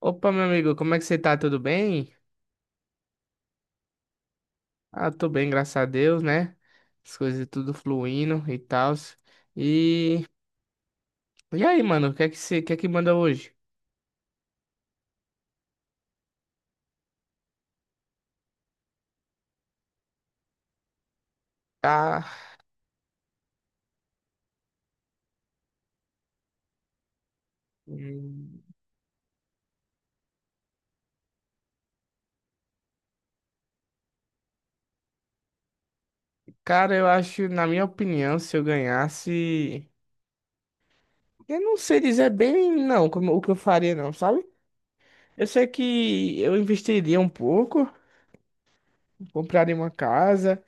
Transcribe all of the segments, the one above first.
Opa, meu amigo, como é que você tá? Tudo bem? Ah, tô bem, graças a Deus, né? As coisas tudo fluindo e tal. E e aí, mano, o que é que manda hoje? Ah, hum, Cara, eu acho, na minha opinião, se eu ganhasse, eu não sei dizer bem não, como o que eu faria não, sabe? Eu sei que eu investiria um pouco, compraria uma casa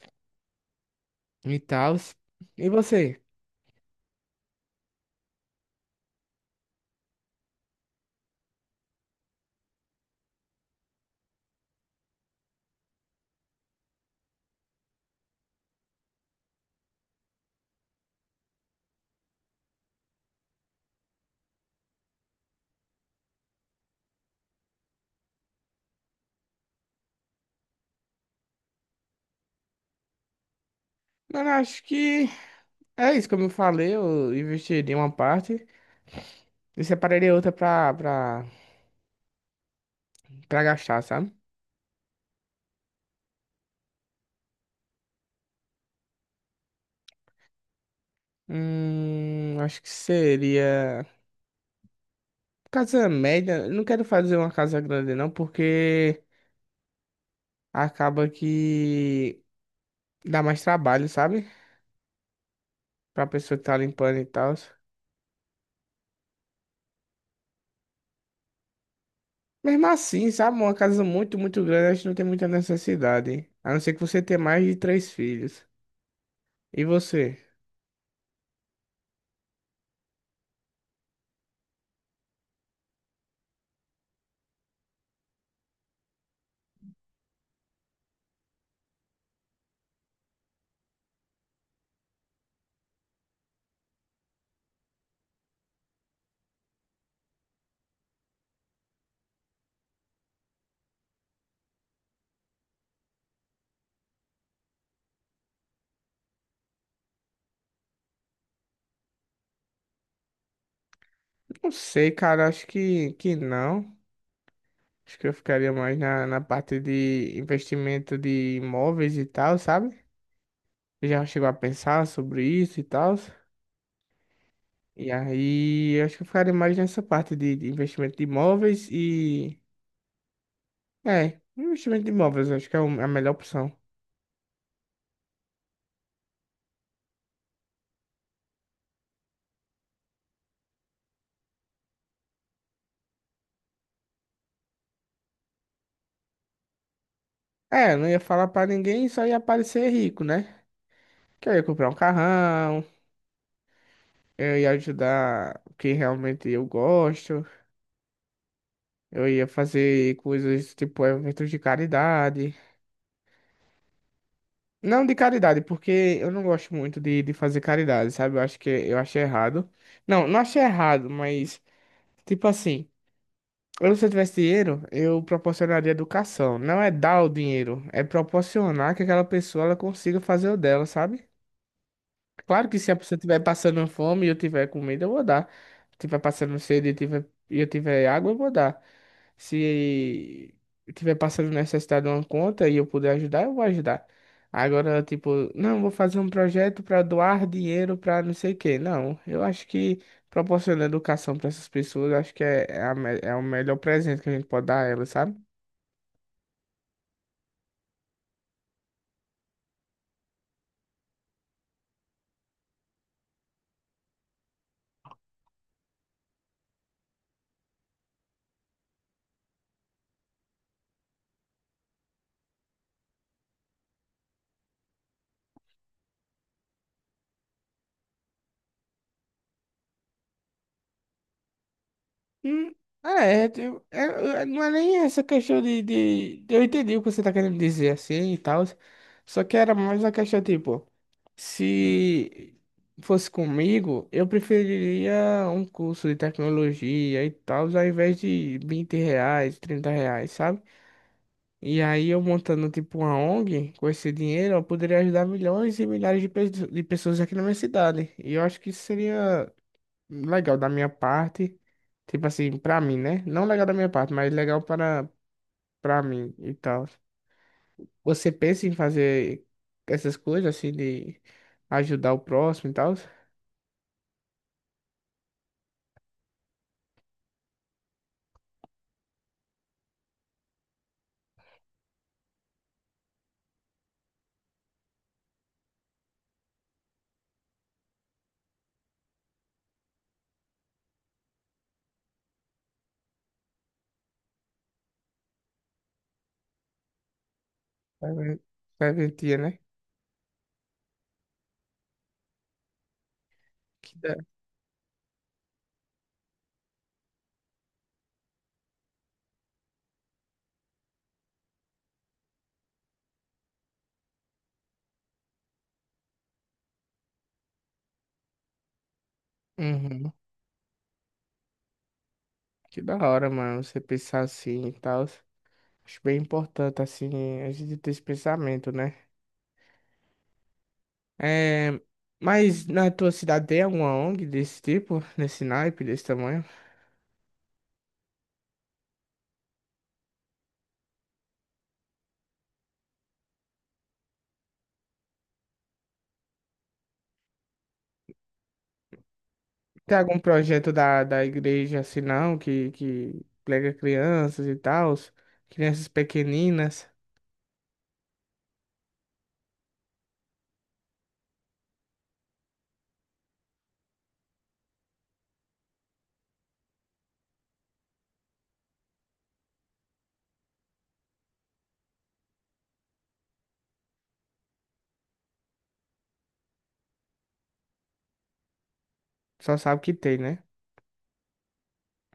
e tal. E você? Mano, acho que é isso, como eu falei, eu investiria uma parte. Eu separei outra pra gastar, sabe? Acho que seria. Casa média. Não quero fazer uma casa grande, não, porque acaba que dá mais trabalho, sabe? Pra pessoa que tá limpando e tal. Mesmo assim, sabe? Uma casa muito, muito grande, acho que não tem muita necessidade. A não ser que você tenha mais de três filhos. E você? Não sei, cara. Acho que não. Acho que eu ficaria mais na parte de investimento de imóveis e tal, sabe? Já chegou a pensar sobre isso e tal? E aí, eu acho que eu ficaria mais nessa parte de investimento de imóveis e. É, investimento de imóveis, eu acho que é a melhor opção. É, eu não ia falar pra ninguém, só ia parecer rico, né? Que eu ia comprar um carrão, eu ia ajudar quem realmente eu gosto, eu ia fazer coisas tipo eventos de caridade. Não de caridade, porque eu não gosto muito de fazer caridade, sabe? Eu acho que eu achei errado. Não, não achei errado, mas tipo assim. Eu, se eu tivesse dinheiro, eu proporcionaria educação. Não é dar o dinheiro, é proporcionar que aquela pessoa ela consiga fazer o dela, sabe? Claro que se a pessoa estiver passando fome e eu tiver comida, eu vou dar. Se tiver passando sede e eu tiver água, eu vou dar. Se eu tiver passando necessidade de uma conta e eu puder ajudar, eu vou ajudar. Agora, tipo, não, vou fazer um projeto para doar dinheiro para não sei o quê. Não, eu acho que proporcionar educação para essas pessoas, acho que é o melhor presente que a gente pode dar a elas, sabe? Hum, É, eu- é, não é nem essa questão Eu entendi o que você tá querendo dizer assim e tal. Só que era mais a questão, tipo, se fosse comigo, eu preferiria um curso de tecnologia e tal, ao invés de 20 reais, 30 reais, sabe? E aí eu montando, tipo, uma ONG com esse dinheiro, eu poderia ajudar milhões e milhares de pessoas aqui na minha cidade. E eu acho que isso seria legal da minha parte, tipo assim, pra mim, né? Não legal da minha parte, mas legal para mim e tal. Você pensa em fazer essas coisas assim de ajudar o próximo e tal? Serven- Serventia, né? Que da... Uhum. Que da hora, mano, você pensar assim e tal. Acho bem importante, assim, a gente ter esse pensamento, né? É... Mas na tua cidade tem alguma ONG desse tipo, nesse naipe, desse tamanho? Tem algum projeto da igreja assim não, que prega crianças e tal, crianças pequeninas, só sabe que tem, né?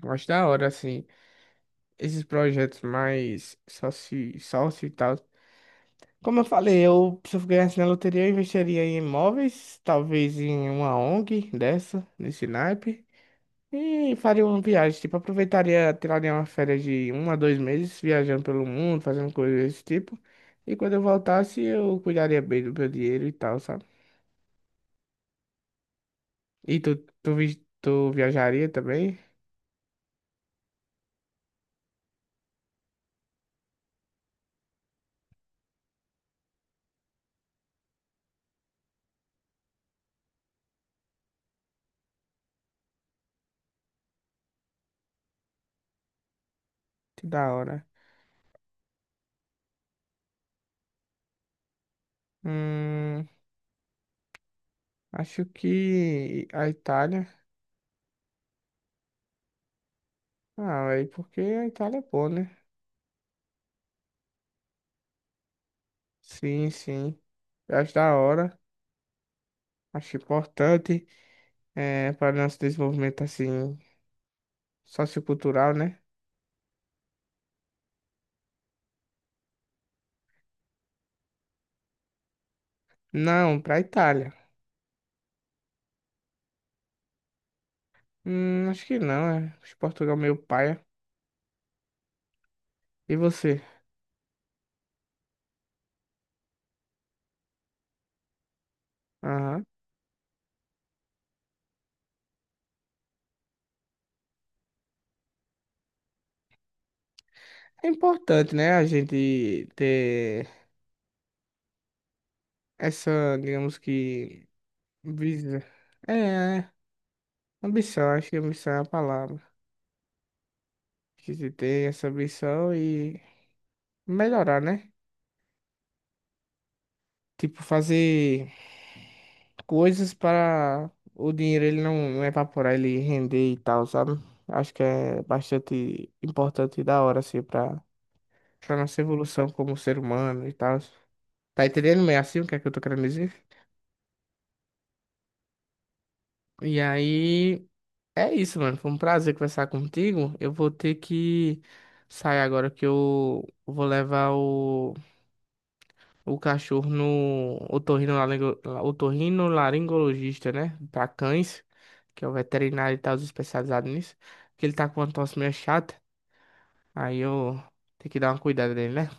Eu acho da hora, assim, esses projetos mais sócio e tal. Como eu falei, eu, se eu ganhasse na loteria, eu investiria em imóveis, talvez em uma ONG dessa, nesse naipe. E faria uma viagem, tipo, aproveitaria, tiraria uma férias de um a dois meses viajando pelo mundo, fazendo coisas desse tipo. E quando eu voltasse, eu cuidaria bem do meu dinheiro e tal, sabe? E tu viajaria também? Que da hora. Hum, acho que a Itália. Ah, aí porque a Itália é boa, né? Sim, sim. Eu acho da hora. Acho importante é, para nosso desenvolvimento, assim, sociocultural, né? Não, para a Itália. Acho que não, é. Acho que Portugal é meio paia. E você? Aham. É importante, né, a gente ter essa, digamos que, visa. É, é, Ambição, acho que ambição é a palavra. Que se tem essa ambição e melhorar, né? Tipo, fazer coisas para o dinheiro ele não evaporar, ele render e tal, sabe? Acho que é bastante importante e da hora, assim, para nossa evolução como ser humano e tal. Tá entendendo meio assim o que é que eu tô querendo dizer? E aí, é isso, mano. Foi um prazer conversar contigo. Eu vou ter que sair agora que eu vou levar o cachorro no otorrinolaringologista, né? Pra cães, que é o veterinário e tal, especializado nisso. Porque ele tá com uma tosse meio chata. Aí eu tenho que dar uma cuidada dele, né?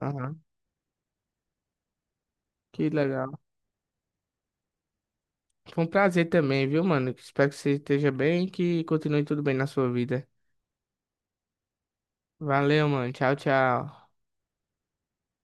Aham. Que legal. Foi um prazer também, viu, mano? Espero que você esteja bem e que continue tudo bem na sua vida. Valeu, mano. Tchau, tchau.